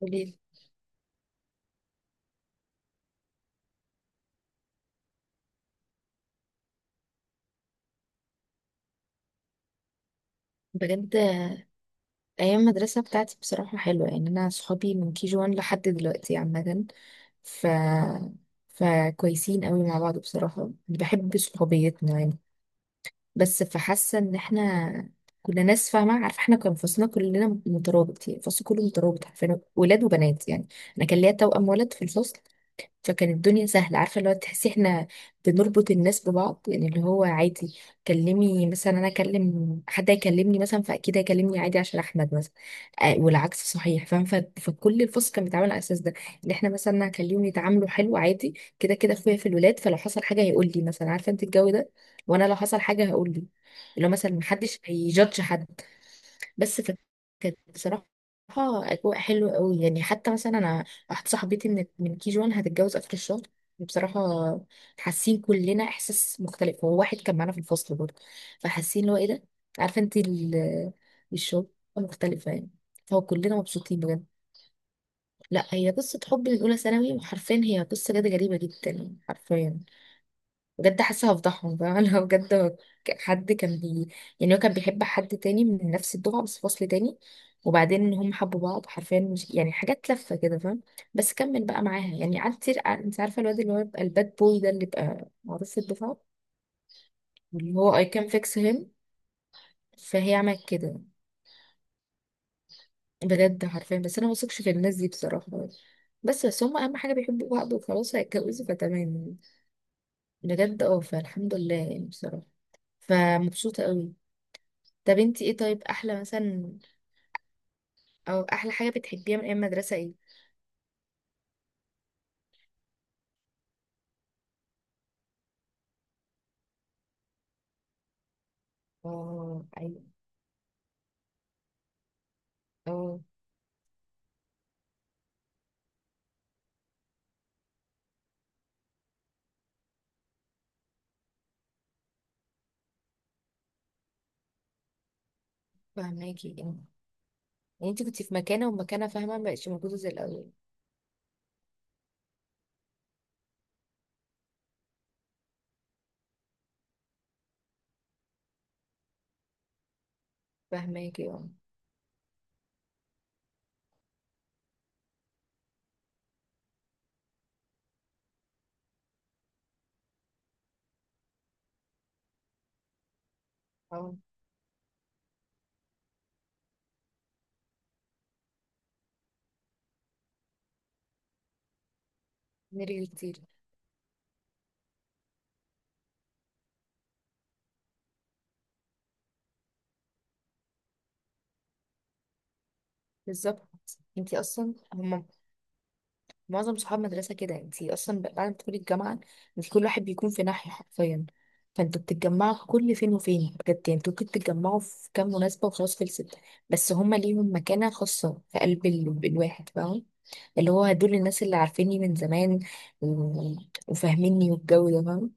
قوليلي. بجد ايام المدرسه بتاعتي بصراحه حلوه، يعني انا صحابي من كي جي 1 لحد دلوقتي عامه. ف فكويسين قوي مع بعض، بصراحه بحب صحوبيتنا يعني. بس فحاسه ان احنا كنا ناس فاهمه عارفه، احنا كان فصلنا كلنا مترابط، يعني الفصل كله مترابط، عارفين ولاد وبنات يعني. انا كان ليا توأم ولد في الفصل، فكانت الدنيا سهلة، عارفة اللي هو تحسي احنا بنربط الناس ببعض، يعني اللي هو عادي. كلمي مثلا انا اكلم حد يكلمني مثلا فاكيد هيكلمني عادي عشان احمد مثلا. آه والعكس صحيح فاهم. ف- فكل الفصل كان بيتعامل على الاساس ده، ان احنا مثلا هنخليهم يتعاملوا حلو عادي. كده كده اخويا في الولاد، فلو حصل حاجة هيقول لي مثلا، عارفة انت الجو ده، وانا لو حصل حاجة هقول لي، اللي هو مثلا محدش هيجادج حد. بس ف- كانت بصراحة أجواء حلوة قوي يعني. حتى مثلا أنا واحدة صاحبتي من كي جوان هتتجوز آخر الشهر. بصراحة حاسين كلنا إحساس مختلف، هو واحد كان معانا في الفصل برضه، فحاسين اللي هو إيه ده. عارفة أنت الشغل مختلفة يعني. فهو كلنا مبسوطين بجد. لا هي قصة حب من أولى ثانوي، وحرفيا هي قصة جد غريبة جدا حرفيا. بجد حاسه هفضحهم بقى انا بجد. هو ك- حد كان بي يعني هو كان بيحب حد تاني من نفس الدفعه بس فصل تاني، وبعدين ان هم حبوا بعض حرفيا، مش يعني حاجات لفه كده فاهم. بس كمل بقى معاها يعني، قعدت كتير. انت عارفه الواد اللي هو يبقى الباد بوي ده، اللي يبقى معروف في الدفعه، واللي هو اي كان فيكس هيم. فهي عملت كده بجد حرفيا. بس انا ما بثقش في الناس دي بصراحه. بس هم اهم حاجه بيحبوا بعض وخلاص هيتجوزوا فتمام. بجد، اه، فالحمد لله يعني بصراحه. فمبسوطه قوي. طب انتي ايه طيب؟ احلى مثلا او احلى حاجه بتحبيها من ايام المدرسه ايه؟ اه، ايوه، اه فهماكي اه. يعني انت كنت في مكانه ومكانه فاهمه، ما بقتش موجوده زي الاول. فهماكي اه. اه نرجع كتير. بالظبط. انت اصلا هم معظم صحاب مدرسه كده انت اصلا بعد ما تدخلي الجامعه، انت كل واحد بيكون في ناحيه حرفيا، فانتوا بتتجمعوا كل فين وفين بجد يعني، انتوا ممكن تتجمعوا في كام مناسبه وخلاص خلصت. بس هم ليهم مكانه خاصه في قلب الواحد فاهمه. اللي هو دول الناس اللي عارفيني من زمان و- وفاهميني والجو ده فاهم.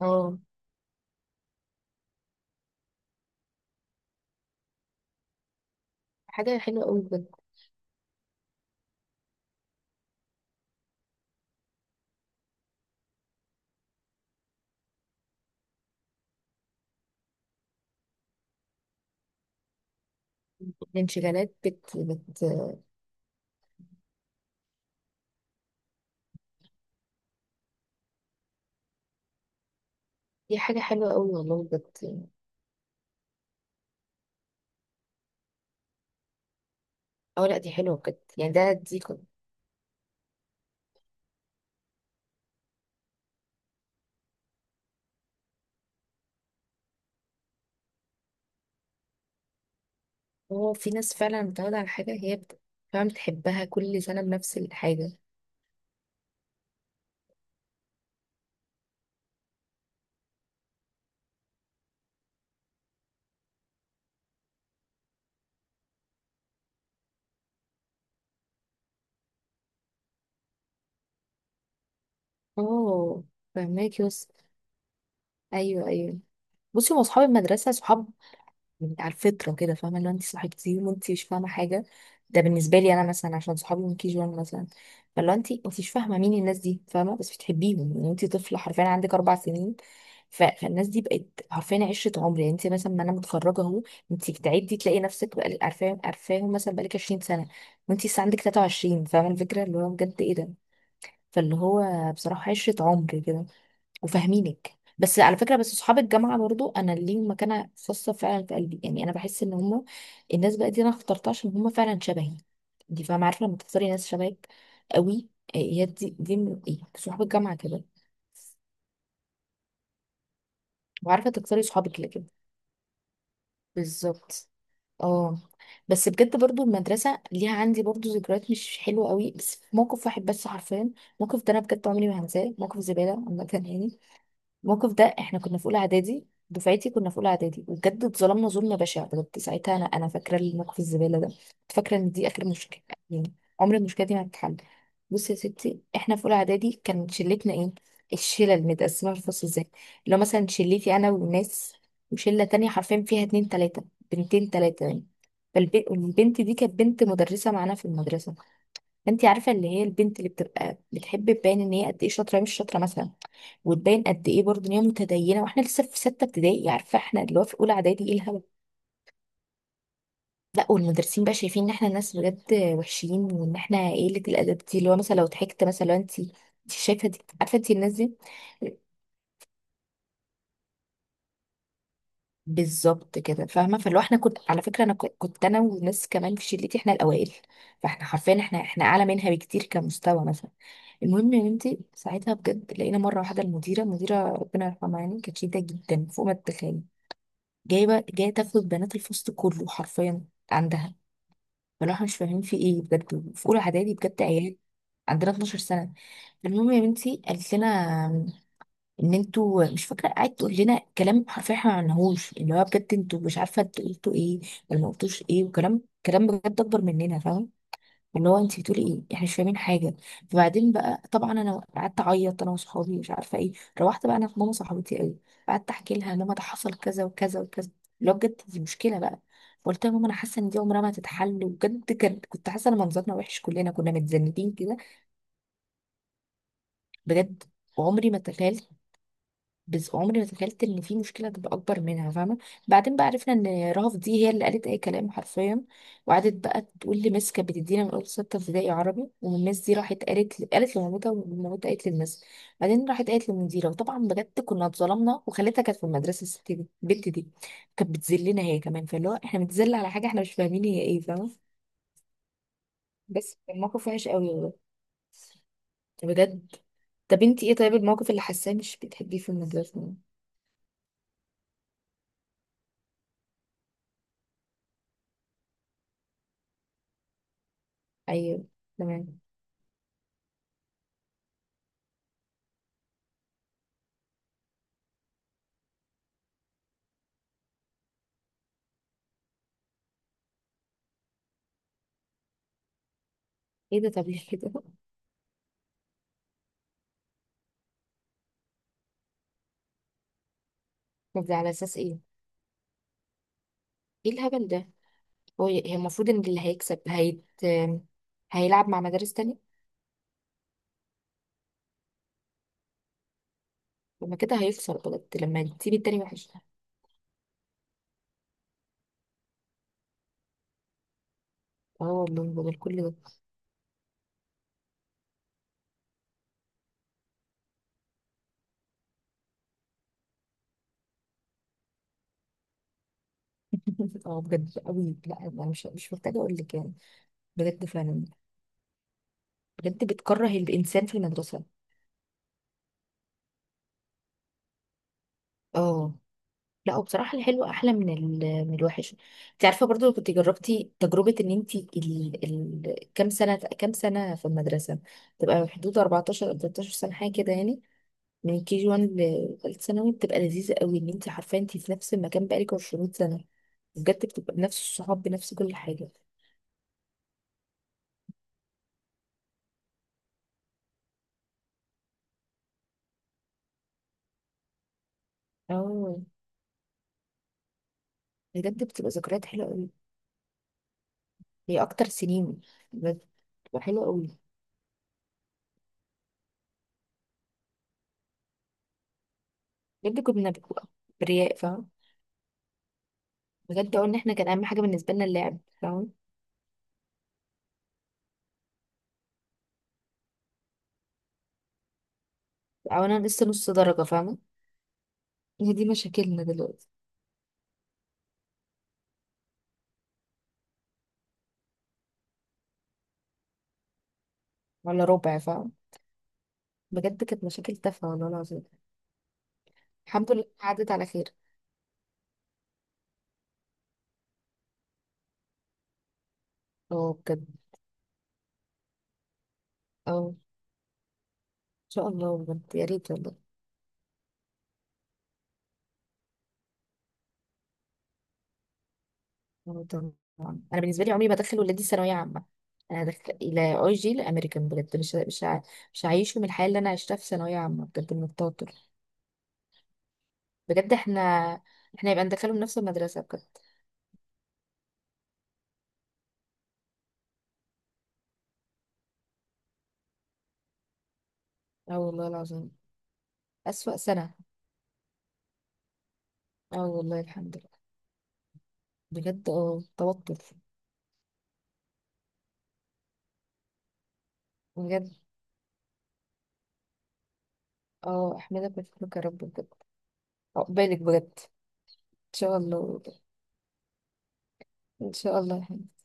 اه حاجة حلوة قوي بجد. الانشغالات بت بت دي حاجة حلوة قوي والله بجد. اه لا دي حلوة بجد يعني، دي كده. هو في ناس فعلا متعودة على حاجة، فعلا بتحبها كل سنة بنفس الحاجة. اه فهماك يس. ايوه ايوه. بصي هو اصحاب المدرسة صحاب يعني على الفطره كده فاهمه، لو انت صحيتي وانت مش فاهمه حاجه. ده بالنسبه لي انا مثلا عشان صحابي من كي جي 1 مثلا. فلو انت مش فاهمه مين الناس دي، فاهمه، بس بتحبيهم يعني. انت طفله حرفيا عندك اربع سنين. فالناس دي بقت حرفيا عشره عمر. يعني انت مثلا، ما انا متخرجه اهو، انت بتعدي تلاقي نفسك بقالك عارفاهم عارفاهم مثلا بقالك 20 سنه، وانت لسه عندك 23 فاهمه الفكره، اللي هو بجد ايه ده. فاللي هو بصراحه عشره عمر كده، وفاهمينك. بس على فكره، بس اصحاب الجامعه برضو انا ليهم مكانه خاصه فعلا في قلبي. يعني انا بحس ان هم الناس بقى دي انا اخترتها عشان هم فعلا شبهي، دي فاهمه، عارفه لما تختاري ناس شبهك قوي. آه، هي دي دي من ايه، صحاب الجامعه كده. وعارفه تختاري صحابك اللي كده. بالظبط. اه. بس بجد برضو المدرسه ليها عندي برضو ذكريات مش حلوه قوي، بس في موقف واحد بس حرفيا. الموقف ده انا بجد عمري ما هنساه، موقف زباله عامه يعني. الموقف ده احنا كنا في اولى اعدادي، دفعتي كنا في اولى اعدادي، وبجد اتظلمنا ظلم بشع بجد ساعتها. انا فاكره الموقف الزباله ده، كنت فاكره ان دي اخر مشكله يعني، عمر المشكله دي ما هتتحل. بصي يا ستي احنا في اولى اعدادي كان شلتنا ايه، الشله المتقسمه في الفصل ازاي، لو مثلا شلتي انا والناس، وشله تانية حرفيا فيها اتنين تلاته، بنتين تلاته يعني. فالبنت دي كانت بنت مدرسه معانا في المدرسه. فانت عارفه اللي هي البنت اللي بتبقى بتحب تبان ان هي قد ايه شاطره مش شاطره مثلا، وتبين قد ايه برضه ان هي متدينه، واحنا لسه في سته ابتدائي عارفه، احنا اللي هو في اولى اعدادي، ايه الهبل. لا والمدرسين بقى شايفين ان احنا ناس بجد وحشين، وان احنا قله الادب دي، اللي هو مثلا لو ضحكت مثلا، لو انت شايفه دي، عارفه انت الناس دي. بالظبط كده فاهمه. فاللي هو احنا، كنت على فكره انا، كنت انا وناس كمان في شلتي احنا الاوائل. فاحنا حرفيا احنا اعلى منها بكتير كمستوى مثلا. المهم يا بنتي ساعتها بجد لقينا مره واحده المديره، مديره ربنا يرحمها يعني، كانت شديده جدا فوق ما تتخيلي، جايه تاخد بنات الفصل كله حرفيا عندها. فلو احنا مش فاهمين في ايه بجد، في اولى اعدادي بجد عيال، عندنا 12 سنه. المهم يا بنتي قالت لنا ان انتوا مش فاكره، قعدت تقول لنا كلام حرفيا احنا ما عملناهوش، اللي هو بجد انتوا مش عارفه انتوا قلتوا ايه ولا ما قلتوش ايه، وكلام كلام بجد اكبر مننا فاهم. اللي هو انت بتقولي ايه، احنا مش فاهمين حاجه. فبعدين بقى طبعا انا قعدت اعيط انا وصحابي مش عارفه ايه. روحت بقى انا في ماما صاحبتي قوي، قعدت احكي لها ماما ده حصل كذا وكذا وكذا، اللي هو بجد دي مشكله بقى. قلت لها ماما انا حاسه ان دي عمرها ما تتحل، وبجد كنت حاسه ان منظرنا وحش كلنا، كنا متذنبين كده. بجد وعمري ما تخيلت، بس عمري ما تخيلت ان في مشكله تبقى اكبر منها فاهمه. بعدين بقى عرفنا ان رهف دي هي اللي قالت اي كلام حرفيا، وقعدت بقى تقول لميس، كانت بتدينا من اول سته ابتدائي عربي. وميس دي راحت قالت، لمامتها، ومامتها قالت للمس، بعدين راحت قالت للمديره. وطبعا بجد كنا اتظلمنا، وخالتها كانت في المدرسه، الست دي البنت دي كانت بتذلنا هي كمان. فاللي هو احنا بنتذل على حاجه احنا مش فاهمين هي ايه فاهمه. بس كان موقف وحش قوي والله بجد. طب انتي ايه طيب، الموقف اللي حاساه مش بتحبيه في المدرسه؟ ايوه تمام. ايه ده طبيعي كده. طب ده على اساس ايه؟ ايه الهبل ده. هي المفروض ان اللي هيكسب هيلعب مع مدارس تانية. لما كده هيخسر بجد لما تسيب التاني وحش. اه والله بدل كل ده. اه بجد قوي. لا انا مش محتاجه اقول لك يعني. بجد فعلا. بجد بتكره الانسان في المدرسه. اه لا وبصراحه الحلو احلى من من الوحش. انت عارفه برضو لو كنت جربتي تجربه ان انت كام سنه في المدرسه، تبقى حدود 14 أو 13 سنه حاجه كده يعني. من كي جي 1 لثالث ثانوي بتبقى لذيذة قوي، ان انت عارفة انت في نفس المكان بقالك 20 سنة، بجد بتبقى بنفس الصحاب بنفس كل حاجة. اه بجد بتبقى ذكريات حلوة قوي. هي اكتر سنين بجد بتبقى حلوة قوي. بجد كنا بنبقى برياء فاهم. بجد اقول ان احنا كان اهم حاجة بالنسبة لنا اللعب فاهم. او انا لسه نص درجة فاهمة. هي دي مشاكلنا دلوقتي. ولا ربع فاهم. بجد كانت مشاكل تافهة والله العظيم. الحمد لله عدت على خير. اه بجد. اه ان شاء الله بجد يا ريت والله. اه طبعا. انا بالنسبه لي عمري ما ادخل ولادي ثانويه عامه. انا ادخل الى اي جي الامريكان بجد. مش هعيشهم الحياه اللي انا عشتها في ثانويه عامه بجد من التوتر. بجد احنا، احنا يبقى ندخلهم نفس المدرسه بجد. اه والله العظيم اسوأ سنه. اه والله الحمد لله. بجد اه توتر. بجد اه احمدك واشكرك يا رب بجد. عقبالك بجد. ان شاء الله، ان شاء الله يا حبيبي.